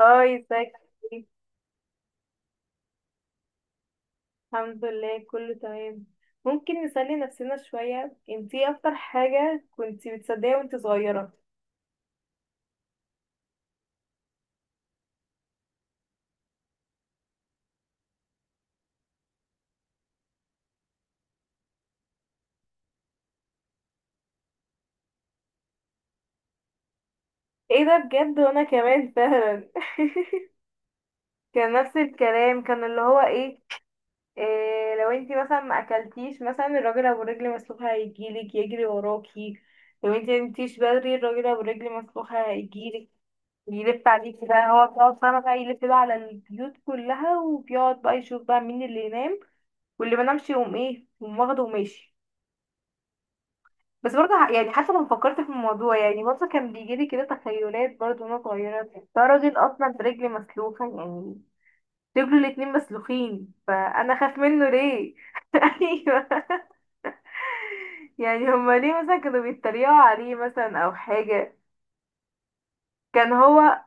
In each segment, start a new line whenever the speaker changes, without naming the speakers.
هاي، ازيك؟ عامل ايه؟ الحمد لله، كله تمام. ممكن نسلي نفسنا شوية، انتي ايه اكتر حاجة كنتي بتصدقيها وانتي صغيرة؟ ايه ده؟ بجد وانا كمان فعلا. كان نفس الكلام، كان اللي هو ايه، إيه؟ لو انتي مثلا ما اكلتيش، مثلا الراجل ابو رجل مسلوخة هيجيلك يجري وراكي. لو انتي مقمتيش بدري الراجل ابو رجل مسلوخة هيجيلك، يلف عليكي بقى. هو بيقعد فاهمة بقى يلف بقى على البيوت كلها، وبيقعد بقى يشوف بقى مين اللي ينام واللي بنامش يقوم ايه، يقوم واخده وماشي. بس برضه يعني حتى لما فكرت في الموضوع يعني برضه كان بيجيلي كده تخيلات، برضه وانا صغيرة. ده راجل اصلا برجل مسلوخة يعني، رجله الاتنين مسلوخين، فانا اخاف منه ليه؟ ايوه. يعني هما ليه مثلا كانوا بيتريقوا عليه مثلا او حاجة؟ كان هو.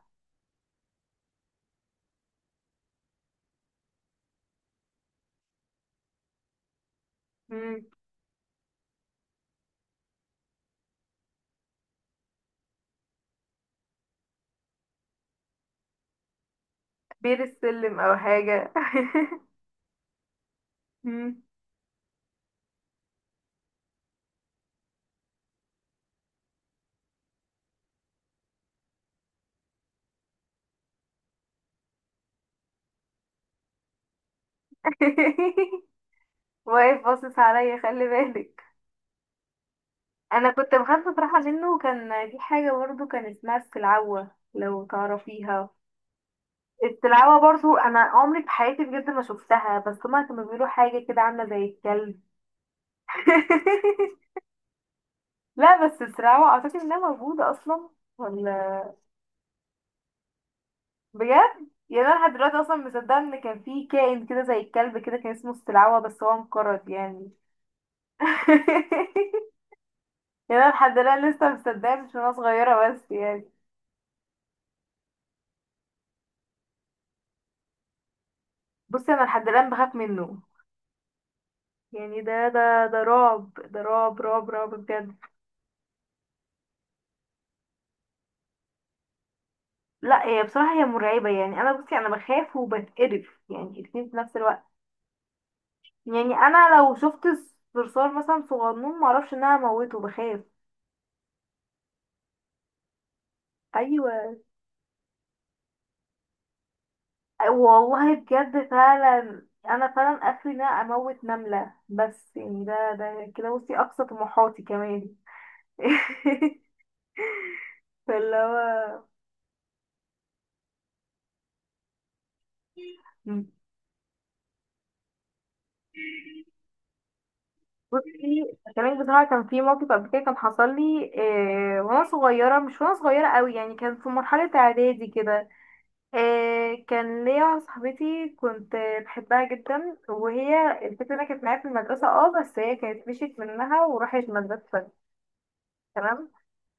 مم. بير السلم او حاجة. مم. واقف باصص عليا، خلي بالك. انا كنت بخاف بصراحه منه. كان في حاجه برضو كان اسمها السلعوه، لو تعرفيها. السلعوه برضو انا عمري في حياتي بجد ما شفتها، بس هما كانوا بيقولوا حاجه كده عامله زي الكلب. لا، بس السلعوه اعتقد انها موجوده اصلا، ولا؟ بجد، يعني انا لحد دلوقتي اصلا مصدقه ان كان في كائن كده زي الكلب كده كان اسمه السلعوه، بس هو انقرض يعني. يعني انا لحد الان لسه مصدقه، مش وانا صغيره بس يعني. بصي، انا لحد الان بخاف منه. يعني ده رعب، ده رعب رعب رعب بجد. لا، هي بصراحة هي مرعبة. يعني انا بصي انا بخاف وبتقرف يعني، الاتنين في نفس الوقت. يعني انا لو شفت صرصار مثلا صغنون، معرفش ان انا اموته، بخاف. ايوه، والله بجد فعلا، انا فعلا اخري ان انا اموت نملة بس، يعني ده كده. بصي اقصى طموحاتي كمان. فاللي هو بصي، كلامك بصراحة. كان في موقف قبل كده كان حصل لي، وانا صغيرة، مش وانا صغيرة قوي يعني، كان في مرحلة اعدادي كده. كان ليا واحدة صاحبتي، كنت بحبها جدا. وهي الفكرة انها كانت معايا في المدرسة، بس هي كانت مشيت منها وراحت مدرسة تانية، تمام.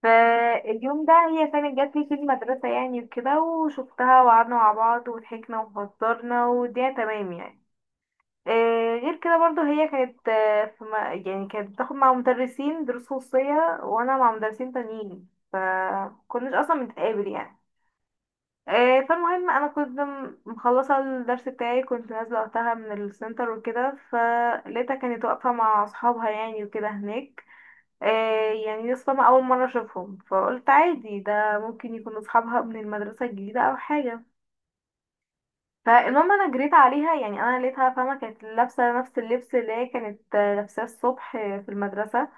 فاليوم ده هي كانت جات لي في المدرسة يعني، وكده وشفتها وقعدنا مع بعض وضحكنا وهزرنا والدنيا تمام يعني. غير كده برضو هي كانت في يعني كانت بتاخد مع مدرسين دروس خصوصية، وانا مع مدرسين تانيين، فكناش اصلا بنتقابل يعني. فالمهم انا كنت مخلصة الدرس بتاعي، كنت نازلة وقتها من السنتر وكده، فلقيتها كانت واقفة مع اصحابها يعني وكده هناك. يعني لسه ما اول مرة اشوفهم، فقلت عادي ده ممكن يكون اصحابها من المدرسة الجديدة او حاجة. فالمهم انا جريت عليها يعني. انا لقيتها فاهمه، كانت لابسه نفس اللبس اللي هي كانت لابساه الصبح في المدرسه،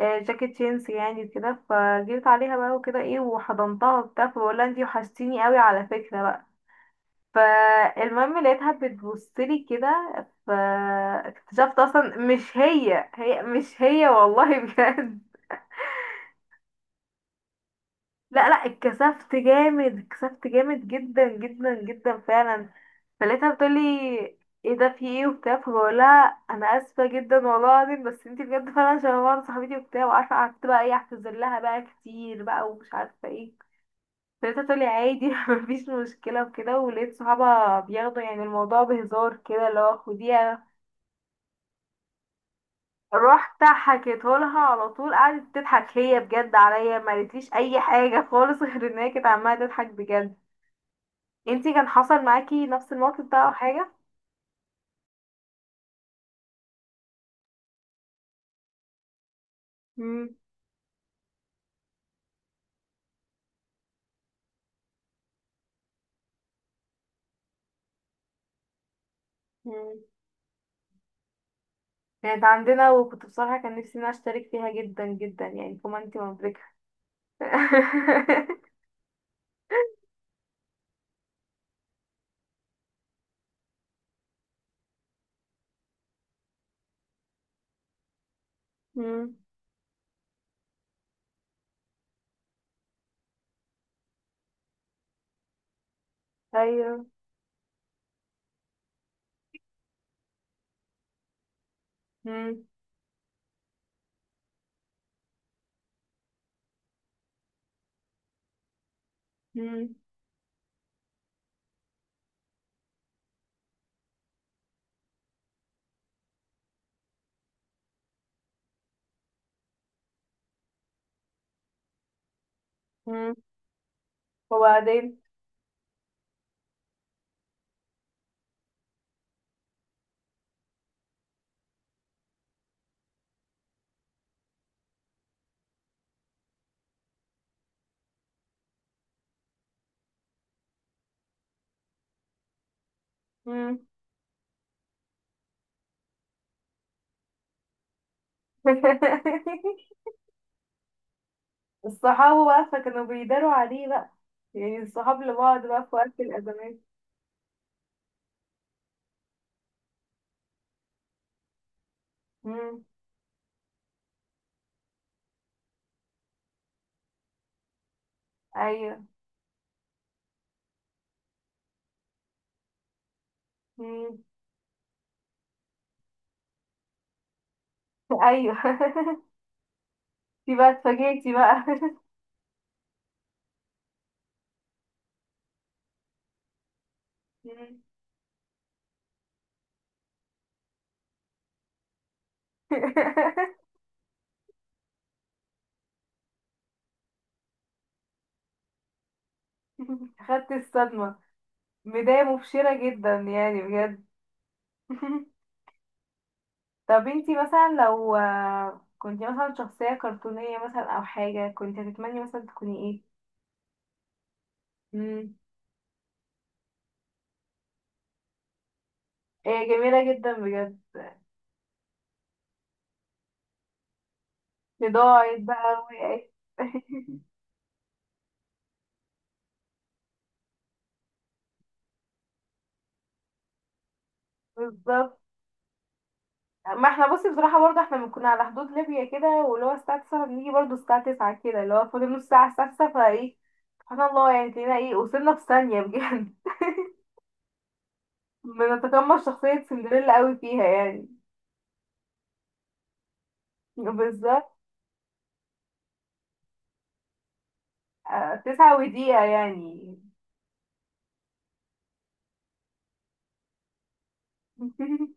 جاكيت جينز يعني كده. فجريت عليها بقى وكده، ايه، وحضنتها وبتاع، فبقول لها انتي وحشتيني قوي على فكره بقى. فالمهم لقيتها بتبصلي كده، فاكتشفت اصلا مش هي. هي مش هي والله، بجد. لا لا، اتكسفت جامد، اتكسفت جامد جدا جدا جدا فعلا. فلقيتها بتقولي ايه ده، في ايه، وبتاع، فبقولها انا اسفه جدا والله العظيم، بس انتي بجد فعلا شبه بعض صاحبتي وبتاع وعارفه، قعدت بقى ايه اعتذر لها بقى كتير بقى، ومش عارفه ايه. فلقيتها تقولي عادي، مفيش مشكله وكده. ولقيت صحابها بياخدوا يعني الموضوع بهزار كده، اللي هو خديها. رحت حكيته لها على طول، قعدت تضحك هي بجد عليا، ما قالتليش اي حاجه خالص غير ان هي كانت عماله تضحك بجد. انتي كان حصل معاكي نفس الموقف ده او حاجة؟ مم. مم. كانت عندنا، وكنت بصراحة كان نفسي ان انا اشترك فيها جدا جدا يعني، فما انتي مبركة. مم. ايوه. مم. مم. مم. وبعدين؟ مم. الصحاب بقى، فكانوا بيداروا عليه بقى، يعني الصحاب لبعض بقى في وقت الأزمات. مم. أيوه. مم. أيوه. دي بقى اتفاجئتي بقى. مم. خدت الصدمة، بداية مبشرة جدا يعني بجد. طب انتي مثلا لو كنتي مثلا شخصية كرتونية مثلا او حاجة، كنتي هتتمني مثلا تكوني ايه؟ مم. هي جميلة جدا بجد. لداعي بقى وقعت. بالظبط. ما احنا بصي بصراحة برضه احنا بنكون على حدود ليبيا كده، واللي هو الساعة 9 بنيجي، برضه الساعة 9 كده اللي هو فاضل نص ساعة الساعة 9، فايه، سبحان الله، يعني تلاقينا ايه وصلنا في ثانية بجد. بنتقمص شخصية سندريلا قوي فيها يعني. بالظبط، تسعة ودقيقة يعني.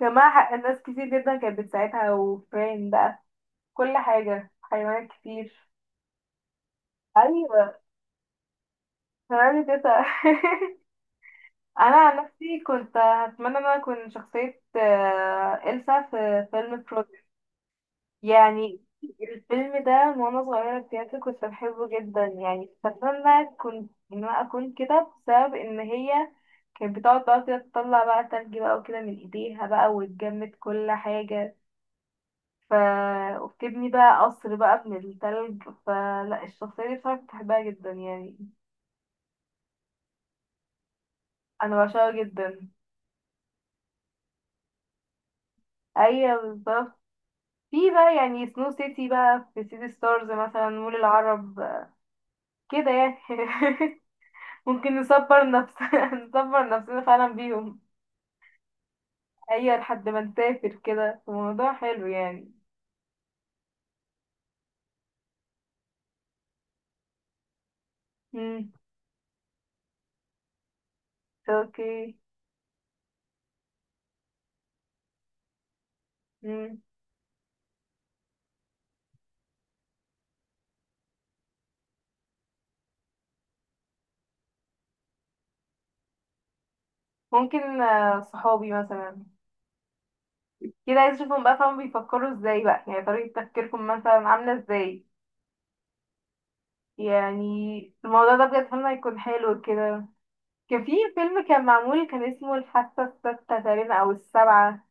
جماعة حق، ناس كتير جدا كانت بتساعدها وفرين بقى، كل حاجة، حيوانات كتير. أيوة، تمام كده. أنا عن نفسي كنت هتمنى إن أنا أكون شخصية إلسا في فيلم فروزن. يعني الفيلم ده من وأنا صغيرة بجد كنت بحبه جدا يعني. أتمنى كنت إن أنا أكون كده بسبب إن هي كانت بتقعد بقى كده تطلع بقى تلج بقى وكده من إيديها بقى، وتجمد كل حاجة ف... وبتبني بقى قصر بقى من التلج. فلا، الشخصية دي بصراحة بحبها جدا يعني، أنا بعشقها جدا. أيوة بالظبط، في بقى يعني سنو سيتي بقى في سيتي ستارز مثلا، مول العرب كده يعني. ممكن نصبر نفسنا، نصبر نفسنا فعلا بيهم. أيوة، لحد ما نسافر كده الموضوع حلو يعني. مم. اوكي. مم. ممكن صحابي مثلا كده، عايز اشوفهم بقى، فاهم، بيفكروا ازاي بقى، يعني طريقة تفكيركم مثلا عاملة ازاي يعني. الموضوع ده بجد فيلم هيكون حلو كده. كان في فيلم كان معمول كان اسمه الحاسة الستة تقريبا أو السبعة،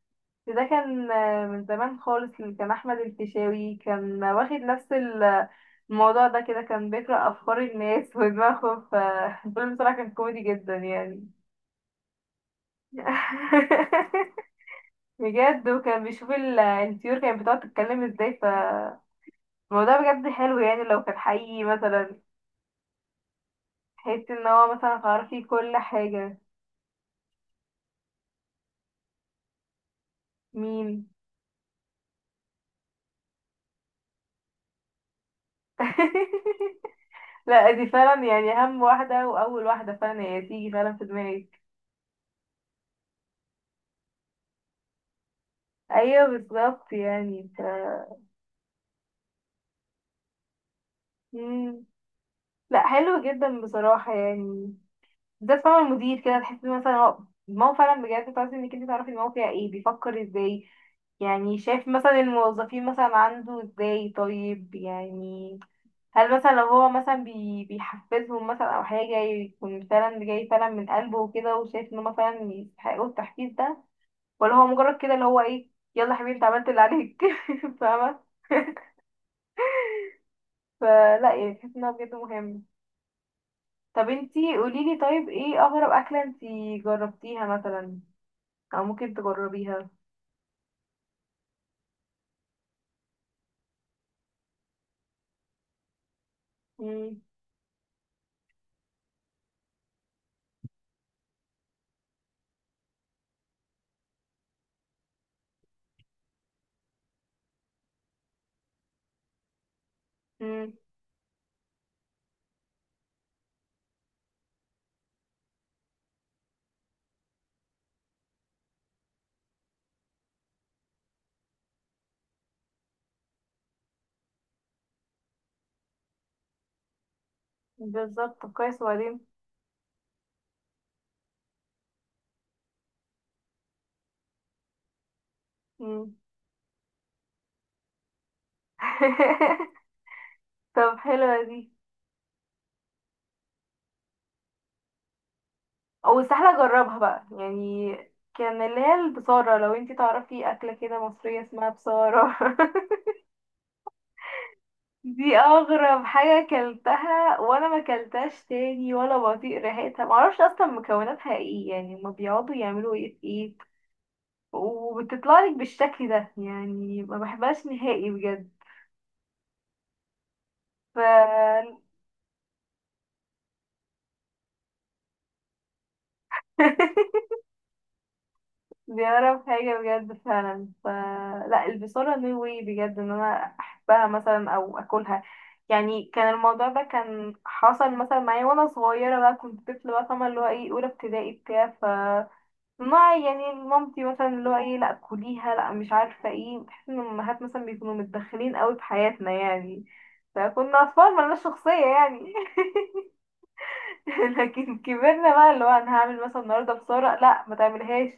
ده كان من زمان خالص، اللي كان أحمد الفيشاوي كان واخد نفس الموضوع ده كده، كان بيقرأ أفكار الناس ودماغهم، فالفيلم بصراحة كان كوميدي جدا يعني. بجد، وكان بيشوف الطيور كانت بتقعد تتكلم ازاي، فالموضوع بجد حلو يعني لو كان حقيقي مثلا. تحس ان هو مثلا هتعرفي كل حاجة. مين؟ لا دي فعلا يعني اهم واحدة واول واحدة فعلا هي تيجي فعلا في دماغي. ايوه بالظبط يعني. مم. لا، حلو جدا بصراحة يعني. ده فعلا المدير كده تحس مثلا هو، دماغه فعلا بجد، تعرفي انك انت تعرفي دماغه فيها ايه، بيفكر ازاي، يعني شايف مثلا الموظفين مثلا عنده ازاي، طيب يعني. هل مثلا لو هو مثلا بيحفزهم مثلا او حاجة، يكون فعلا جاي فعلا من قلبه وكده، وشايف ان هم فعلا يستحقوا التحفيز ده، ولا هو مجرد كده اللي هو ايه، يلا يا حبيبي انت عملت اللي عليك. فاهمة؟ فلا يعني، تحس انه بجد مهم. طب انتي قوليلي، طيب ايه اغرب اكلة انتي جربتيها مثلا او ممكن تجربيها؟ مم. مم. بالظبط. طب كويس، وبعدين. مم. طب حلوة دي، او سهلة اجربها بقى يعني. كان اللي هي البصارة، لو انتي تعرفي اكلة كده مصرية اسمها بصارة. دي اغرب حاجة اكلتها، وانا ما اكلتهاش تاني، ولا بطيق ريحتها. معرفش اصلا مكوناتها ايه، يعني هما بيقعدوا يعملوا ايه في ايه، وبتطلع لك بالشكل ده. يعني ما بحبهاش نهائي بجد. ف دي اغرب حاجة بجد فعلا. لا، البصارة نو واي بجد ان انا احبها مثلا او اكلها. يعني كان الموضوع ده كان حصل مثلا معايا وانا صغيرة بقى، كنت طفلة بقى، فاهمة اللي هو ايه، اولى ابتدائي بتاع. ما يعني مامتي مثلا، اللي هو ايه، لا كليها، لا، مش عارفه ايه، بحس ان الامهات مثلا بيكونوا متدخلين قوي في حياتنا، يعني فكنا اطفال ملناش شخصيه يعني. لكن كبرنا بقى، اللي هو انا هعمل مثلا النهارده بصاره، لا ما تعملهاش،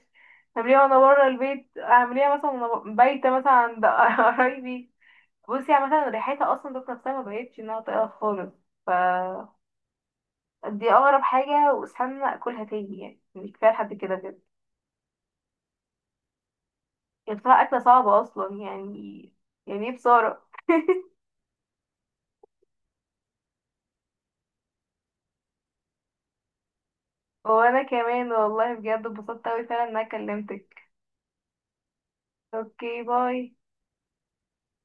اعمليها وانا بره البيت، اعمليها مثلا وانا بايته مثلا عند قرايبي. بصي يعني مثلا ريحتها اصلا ذات نفسها ما بقتش انها طايقه خالص. ف دي اغرب حاجه، واستنى اكلها تاني، يعني كفايه لحد كده بجد. كانت بصراحة أكلة صعبة أصلا يعني. يعني إيه بصارة. وأنا كمان والله بجد اتبسطت أوي فعلا إن أنا كلمتك. أوكي، باي.